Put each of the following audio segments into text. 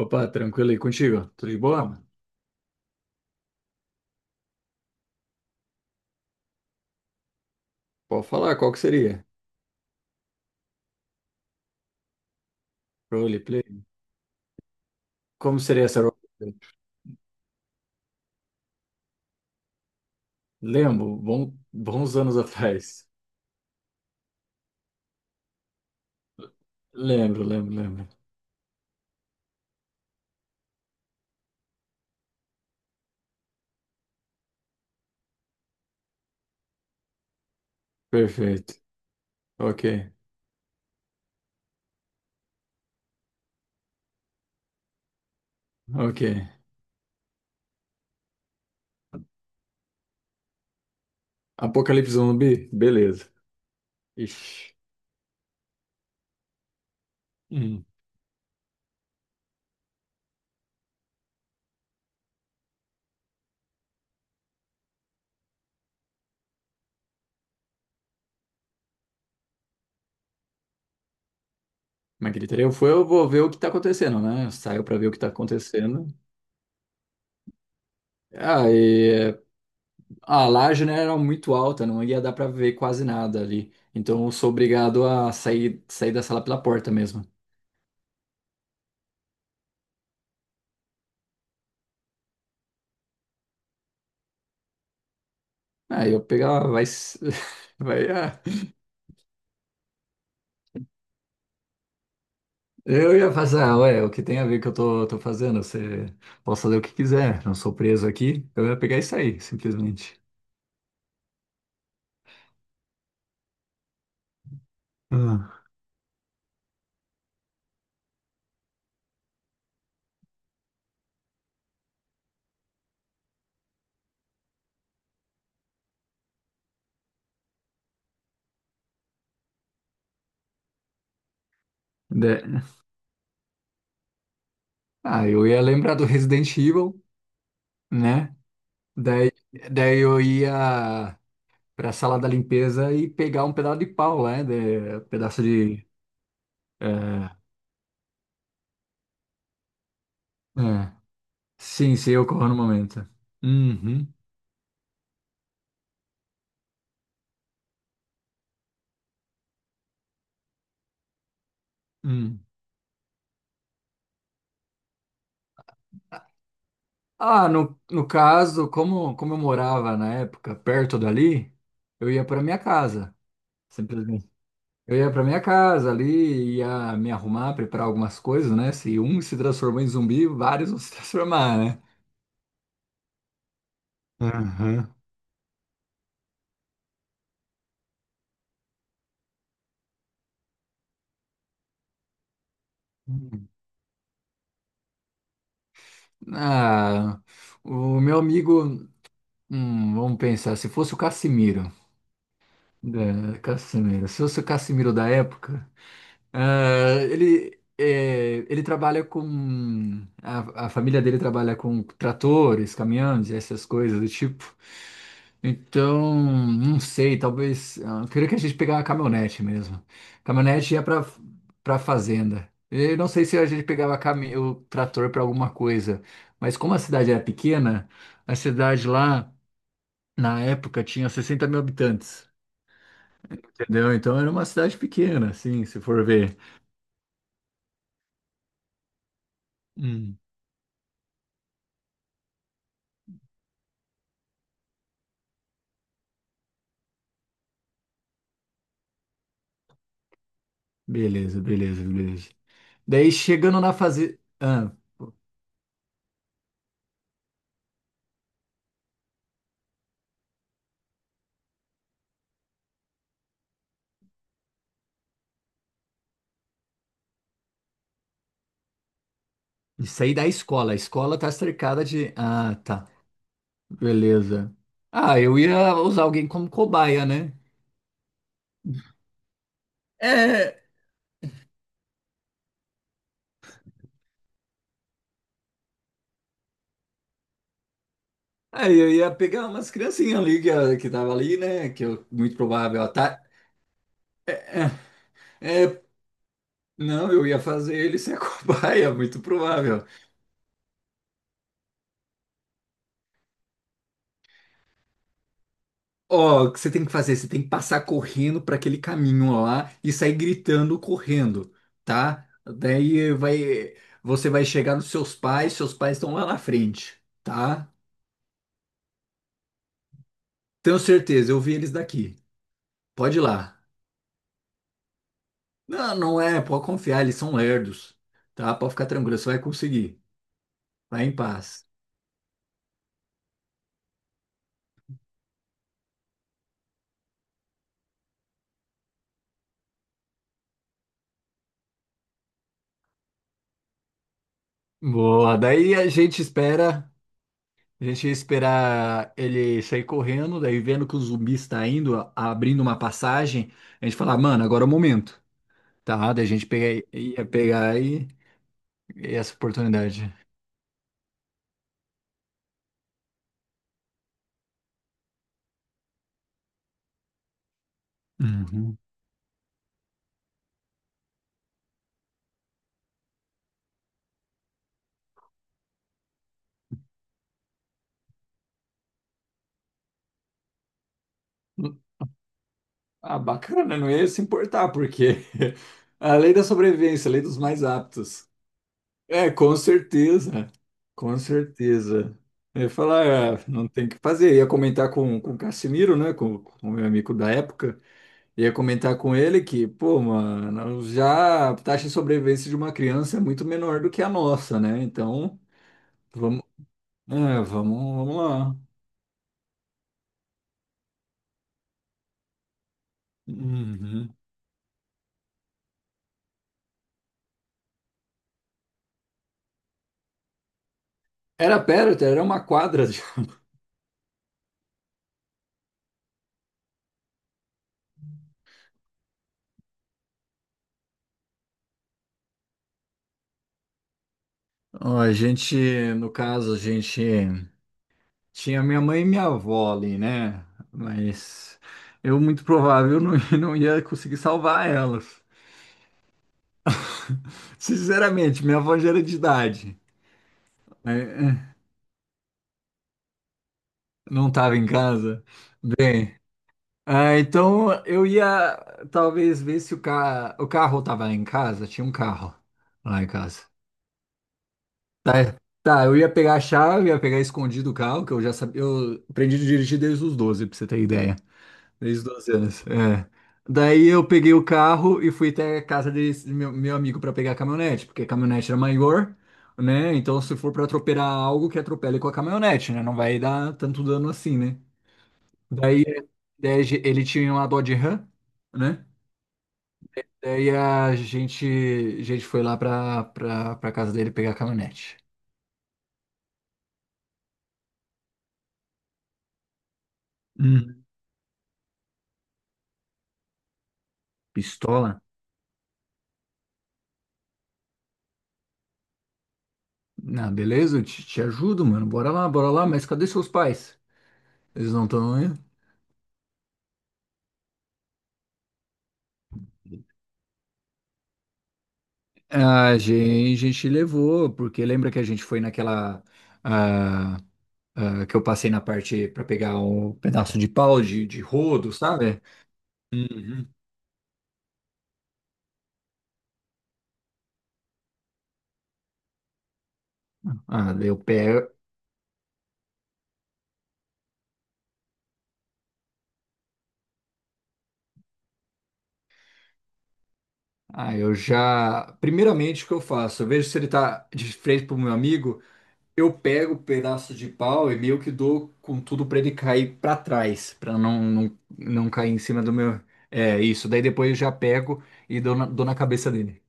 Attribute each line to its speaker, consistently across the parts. Speaker 1: Opa, tranquilo aí contigo? Tudo de boa, mano? Pode falar, qual que seria? Roleplay? Como seria essa roleplay? Lembro, bons anos atrás. Lembro, lembro, lembro. Perfeito. Ok, ok. Apocalipse zumbi? Beleza. Ixi. Hum. Mas gritaria eu fui, eu vou ver o que tá acontecendo, né? Eu saio pra ver o que tá acontecendo. Ah, e a laje, né, era muito alta, não ia dar pra ver quase nada ali. Então eu sou obrigado a sair, sair da sala pela porta mesmo. Ah, eu pegava, vai. Vai ah, eu ia passar, ué, o que tem a ver que eu tô fazendo? Você pode fazer o que quiser, não sou preso aqui. Eu ia pegar e sair, simplesmente. Ah, Da- eu ia lembrar do Resident Evil, né? Daí, daí eu ia pra sala da limpeza e pegar um pedaço de pau, né? De, pedaço de. É, é. Sim, sim, ocorreu no momento. Uhum, uhum. Ah, no caso, como eu morava na época perto dali, eu ia para minha casa, simplesmente. Eu ia para minha casa ali, ia me arrumar, preparar algumas coisas, né? Se um se transformou em zumbi, vários vão se transformar, né? Aham. Hum. Ah, o meu amigo, vamos pensar, se fosse o Cassimiro, é, Cassimiro, se fosse o Cassimiro da época. Ah, ele, é, ele trabalha com. A família dele trabalha com tratores, caminhões, essas coisas do tipo. Então, não sei, talvez. Eu queria que a gente pegasse uma caminhonete mesmo. Caminhonete ia para para fazenda. Eu não sei se a gente pegava o trator para alguma coisa, mas como a cidade era pequena, a cidade lá, na época, tinha 60.000 habitantes. Entendeu? Então era uma cidade pequena, assim, se for ver. Hum. Beleza, beleza, beleza. Daí chegando na fase. Ah, isso aí da escola. A escola tá cercada de. Ah, tá. Beleza. Ah, eu ia usar alguém como cobaia, né? É, aí eu ia pegar umas criancinhas ali que, ah, que tava ali, né? Que eu, muito provável. Tá, é, é, não, eu ia fazer ele ser a cobaia, muito provável. Ó, o que você tem que fazer? Você tem que passar correndo para aquele caminho lá e sair gritando correndo, tá? Daí vai, você vai chegar nos seus pais estão lá na frente, tá? Tenho certeza, eu vi eles daqui. Pode ir lá. Não, não é, pode confiar, eles são lerdos, tá? Pode ficar tranquilo, você vai conseguir. Vai em paz. Boa, daí a gente espera, a gente ia esperar ele sair correndo, daí vendo que o zumbi está indo, abrindo uma passagem, a gente fala, mano, agora é o momento. Tá, daí a gente ia pegar e essa oportunidade. Uhum. Ah, bacana, não ia se importar, porque a lei da sobrevivência, a lei dos mais aptos. É, com certeza, com certeza. Eu ia falar, ah, não tem o que fazer. Eu ia comentar com o Cassimiro, né, com o meu amigo da época, ia comentar com ele que, pô, mano, já a taxa de sobrevivência de uma criança é muito menor do que a nossa, né? Então, vamos, é, vamos, vamos lá. Uhum. Era perto, era uma quadra. De- Ó, a gente, no caso, a gente tinha minha mãe e minha avó ali, né? Mas eu, muito provável, não, não ia conseguir salvar elas. Sinceramente, minha avó já era de idade. Né? Não estava em casa. Bem, ah, então eu ia talvez ver se o, ca... o carro estava em casa. Tinha um carro lá em casa. Tá, tá, eu ia pegar a chave, ia pegar escondido o carro, que eu já sabia. Eu aprendi a dirigir desde os 12 pra você ter ideia. Desde os 12 anos. É. Daí eu peguei o carro e fui até a casa desse meu, meu amigo pra pegar a caminhonete, porque a caminhonete era maior, né? Então se for pra atropelar algo, que atropele com a caminhonete, né? Não vai dar tanto dano assim, né? Daí a ideia de- Ele tinha uma Dodge Ram, né? Daí a gente foi lá pra casa dele pegar a caminhonete. Hum. Pistola? Ah, beleza, eu te ajudo, mano. Bora lá, mas cadê seus pais? Eles não estão aí? A gente levou, porque lembra que a gente foi naquela. ah, que eu passei na parte pra pegar um pedaço de pau de rodo, sabe? Uhum. Ah, daí eu pego. Ah, eu já. Primeiramente, o que eu faço? Eu vejo se ele tá de frente pro meu amigo. Eu pego o pedaço de pau e meio que dou com tudo pra ele cair pra trás, pra não cair em cima do meu. É isso. Daí depois eu já pego e dou na cabeça dele.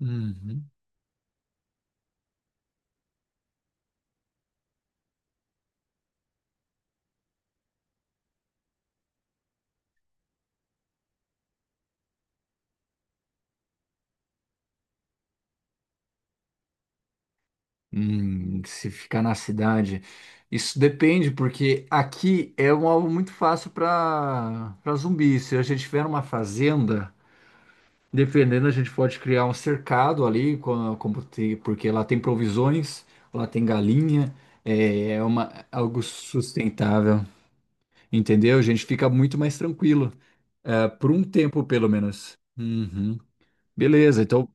Speaker 1: Uhum. Se ficar na cidade. Isso depende, porque aqui é um alvo muito fácil pra para zumbi. Se a gente tiver uma fazenda. Dependendo, a gente pode criar um cercado ali, com porque lá tem provisões, lá tem galinha, é, é uma, algo sustentável, entendeu? A gente fica muito mais tranquilo, é, por um tempo pelo menos. Uhum. Beleza, então,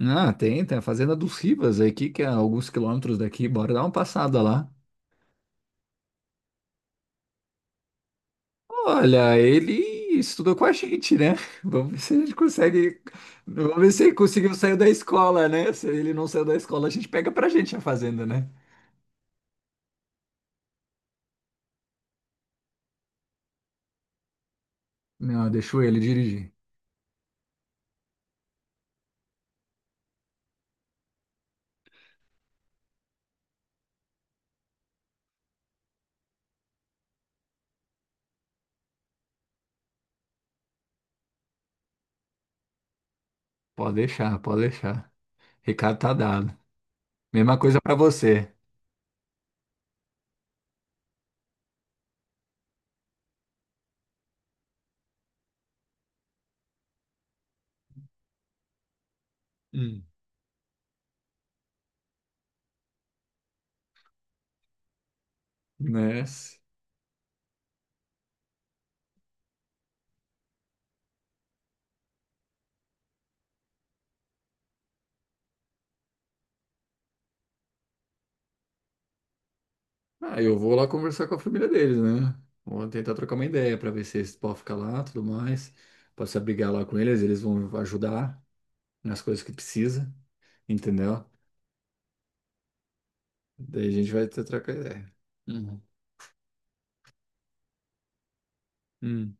Speaker 1: ah, tem, tem a Fazenda dos Rivas aqui, que é alguns quilômetros daqui, bora dar uma passada lá. Olha, ele estudou com a gente, né? Vamos ver se a gente consegue. Vamos ver se ele conseguiu sair da escola, né? Se ele não saiu da escola, a gente pega pra gente a fazenda, né? Não, deixou ele dirigir. Pode deixar, pode deixar. Recado tá dado. Mesma coisa pra você. Hum. Né? Ah, eu vou lá conversar com a família deles, né? Vou tentar trocar uma ideia pra ver se eles podem ficar lá, tudo mais. Posso abrigar lá com eles, eles vão ajudar nas coisas que precisa, entendeu? Daí a gente vai ter trocar ideia. Uhum. Hum.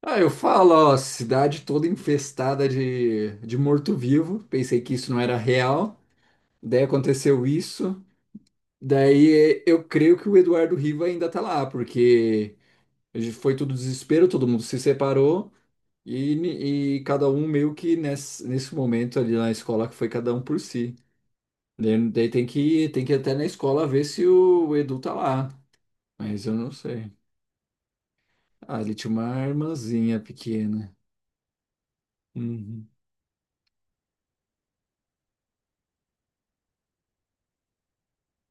Speaker 1: Ah, eu falo, ó, cidade toda infestada de morto-vivo. Pensei que isso não era real. Daí aconteceu isso. Daí eu creio que o Eduardo Riva ainda tá lá, porque foi tudo desespero, todo mundo se separou e, e cada um meio que nesse, nesse momento ali na escola que foi cada um por si. Daí tem que ir até na escola ver se o Edu tá lá. Mas eu não sei. Ah, ele tinha uma irmãzinha pequena. Uhum.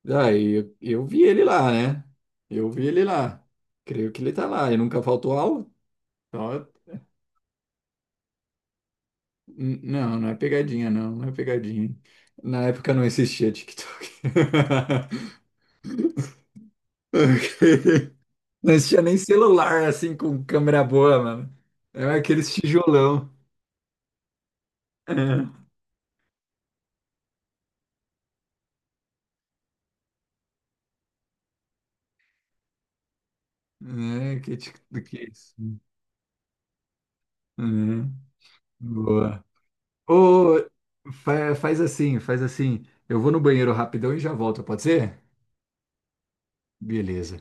Speaker 1: Ah, e eu vi ele lá, né? Eu vi ele lá. Creio que ele tá lá. Ele nunca faltou aula. Então, eu- não, não é pegadinha, não. Não é pegadinha. Na época não existia TikTok. Ok. Não existia nem celular, assim, com câmera boa, mano. Era aqueles tijolão. É, é que, tic- que isso. É, boa. Ô, faz assim, faz assim. Eu vou no banheiro rapidão e já volto, pode ser? Beleza.